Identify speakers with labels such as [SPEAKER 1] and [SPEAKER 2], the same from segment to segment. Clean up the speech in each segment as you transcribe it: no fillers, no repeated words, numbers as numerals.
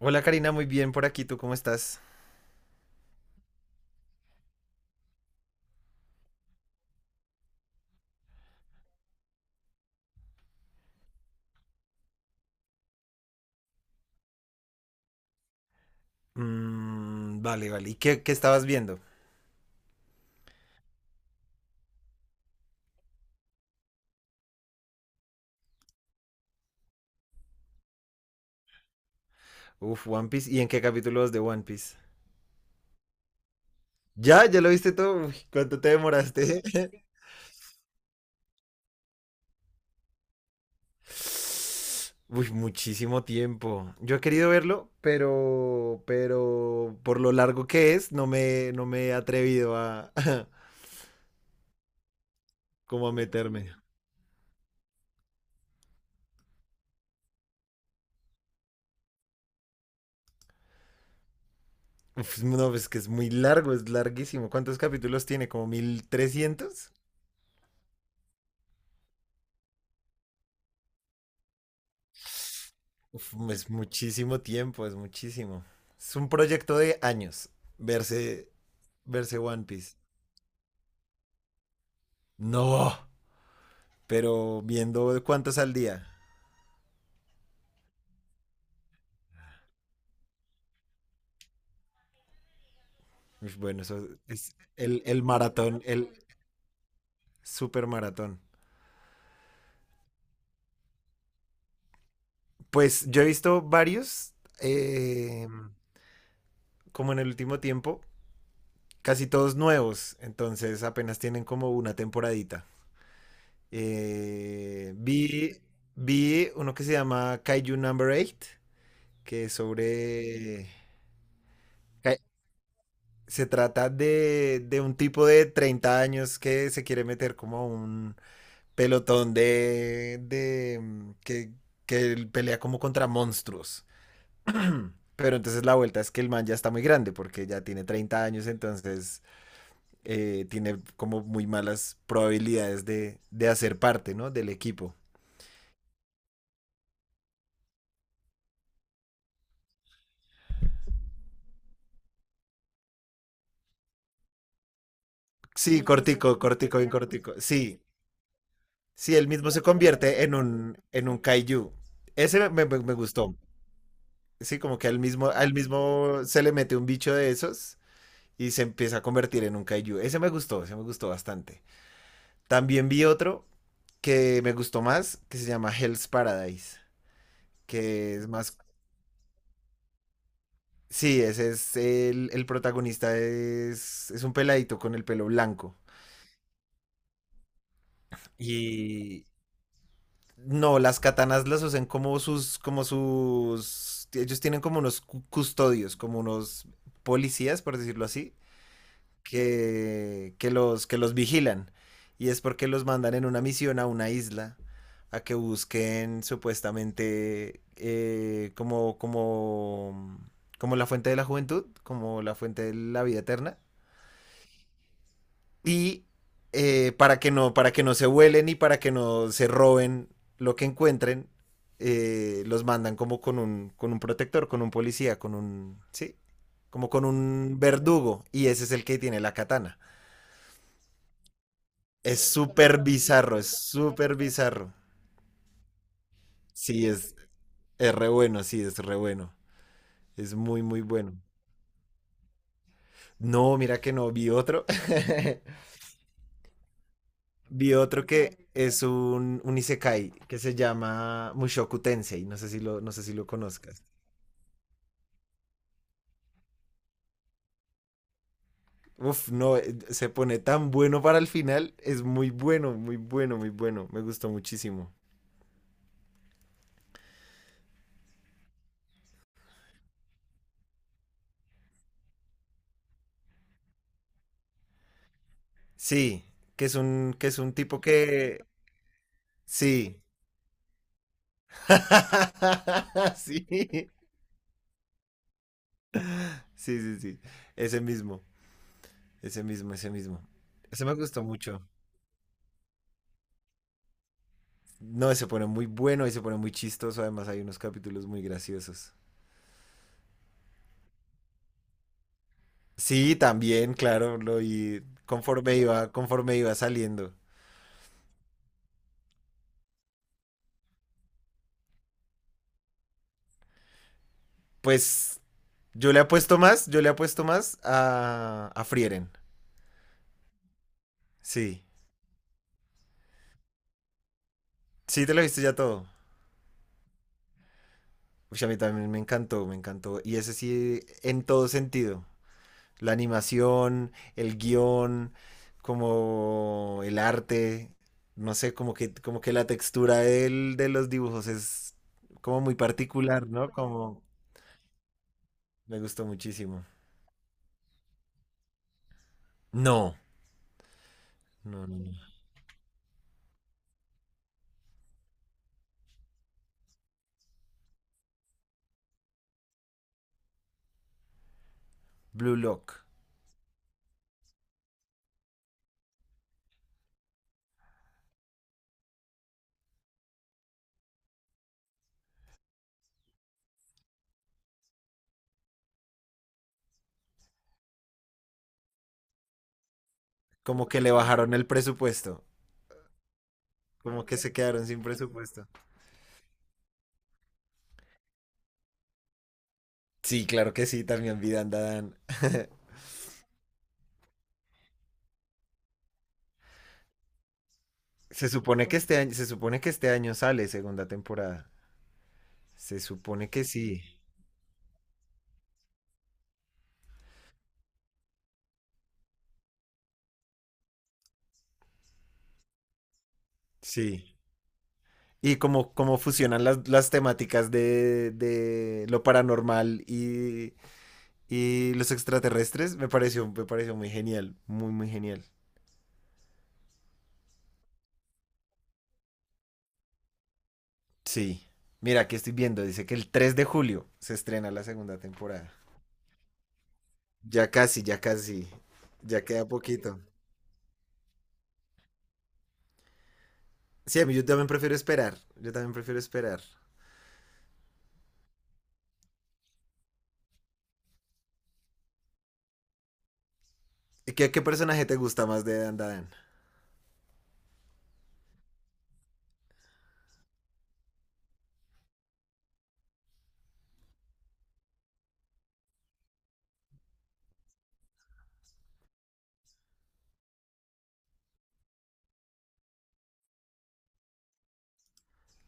[SPEAKER 1] Hola Karina, muy bien por aquí, ¿tú cómo estás? Mm, vale, vale. ¿Y qué estabas viendo? Uf, One Piece. ¿Y en qué capítulo vas de One Piece? ¿Ya? ¿Ya lo viste todo? Uy, ¿cuánto te demoraste? Uy, muchísimo tiempo. Yo he querido verlo, pero por lo largo que es, no me he atrevido a, como a meterme. Uf, no, es que es muy largo, es larguísimo. ¿Cuántos capítulos tiene? ¿Como 1.300? Uf, es muchísimo tiempo, es muchísimo. Es un proyecto de años verse, verse One Piece. No, pero viendo cuántos al día. Uf, bueno, eso es el maratón, el super maratón. Pues yo he visto varios, eh, como en el último tiempo, casi todos nuevos, entonces apenas tienen como una temporadita. Eh, vi, vi uno que se llama Kaiju Number 8. que sobre... eh, Se trata de un tipo de 30 años que se quiere meter como a un pelotón que él pelea como contra monstruos. Pero entonces la vuelta es que el man ya está muy grande porque ya tiene 30 años, entonces tiene como muy malas probabilidades de hacer parte, ¿no? Del equipo. Sí, cortico, cortico, bien cortico. Sí, si él mismo se convierte en un kaiju. Ese me gustó. Sí, como que al mismo se le mete un bicho de esos y se empieza a convertir en un kaiju. Ese me gustó bastante. También vi otro que me gustó más, que se llama Hell's Paradise, que es más... Sí, ese es el protagonista, es un peladito con el pelo blanco. Y, No, las katanas las usan ellos tienen como unos custodios, como unos policías, por decirlo así, que los vigilan. Y es porque los mandan en una misión a una isla a que busquen supuestamente como la fuente de la juventud, como la fuente de la vida eterna y para que no se vuelen y para que no se roben lo que encuentren, los mandan como con un protector, con un policía, sí, como con un verdugo y ese es el que tiene la katana. Es súper bizarro, es súper bizarro. Sí, es re bueno, sí, es re bueno. Es muy, muy bueno. No, mira que no vi otro. Vi otro que es un isekai que se llama Mushoku Tensei. No sé si lo conozcas. Uf, no, se pone tan bueno para el final. Es muy bueno, muy bueno, muy bueno. Me gustó muchísimo. Sí, que es un tipo que... Sí. Sí. Sí, sí, sí. Ese mismo, ese mismo, ese mismo. Ese me gustó mucho. No, se pone muy bueno y se pone muy chistoso. Además hay unos capítulos muy graciosos. Sí, también, claro, lo y conforme iba saliendo. Pues yo le apuesto más, yo le apuesto más a Frieren. Sí, sí, te lo viste ya todo. Uy, a mí también me encantó, me encantó. Y ese sí, en todo sentido. La animación, el guión, como el arte, no sé, como que la textura de los dibujos es como muy particular, ¿no? Como me gustó muchísimo. No, no, no, no. Blue Lock. Como que le bajaron el presupuesto. Como que se quedaron sin presupuesto. Sí, claro que sí, también Vidanda Dan. Se supone que este año sale segunda temporada. Se supone que sí. Sí. Y como fusionan las temáticas de lo paranormal y los extraterrestres, me pareció muy genial. Muy, muy genial. Sí. Mira, aquí estoy viendo, dice que el 3 de julio se estrena la segunda temporada. Ya casi, ya casi. Ya queda poquito. Sí, a mí yo también prefiero esperar. Yo también prefiero esperar. ¿Y qué personaje te gusta más de Dan Dan?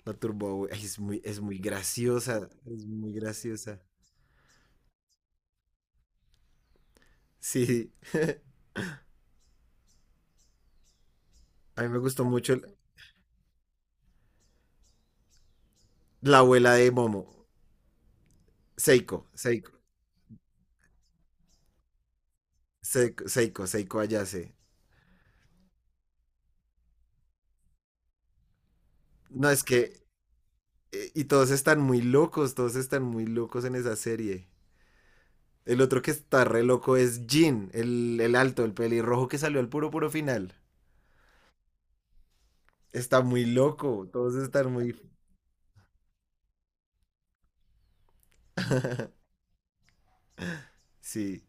[SPEAKER 1] La Turbo, Boy. Ay, es muy graciosa. Es muy graciosa. Sí. A mí me gustó mucho la abuela de Momo. Seiko, Seiko, Seiko Ayase. No, es que. Y todos están muy locos, todos están muy locos en esa serie. El otro que está re loco es Jin, el alto, el pelirrojo que salió al puro puro final. Está muy loco, todos están muy... Sí.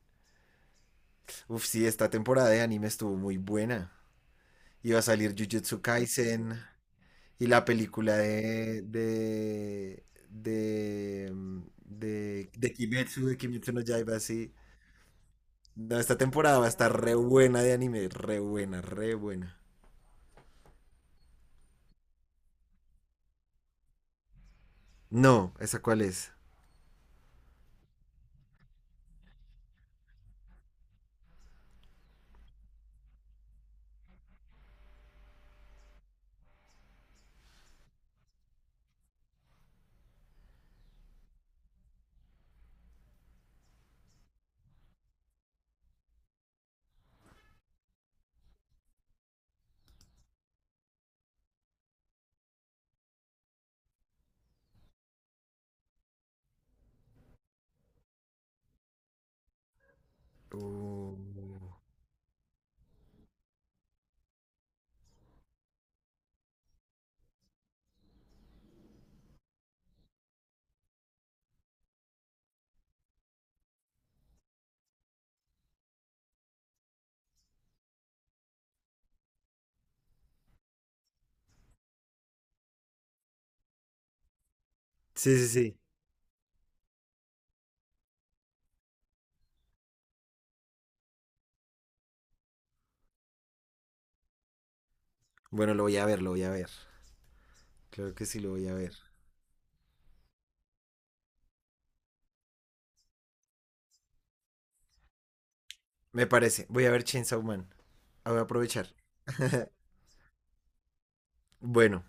[SPEAKER 1] Uf, sí, esta temporada de anime estuvo muy buena. Iba a salir Jujutsu Kaisen y la película de... mm, de Kimetsu no Yaiba, sí. No, esta temporada va a estar re buena de anime, re buena, re buena. No, ¿esa cuál es? Uh, Sí, sí, sí. Bueno, lo voy a ver, lo voy a ver. Claro que sí, lo voy a ver. Me parece. Voy a ver Chainsaw Man. Ah, voy a aprovechar. Bueno,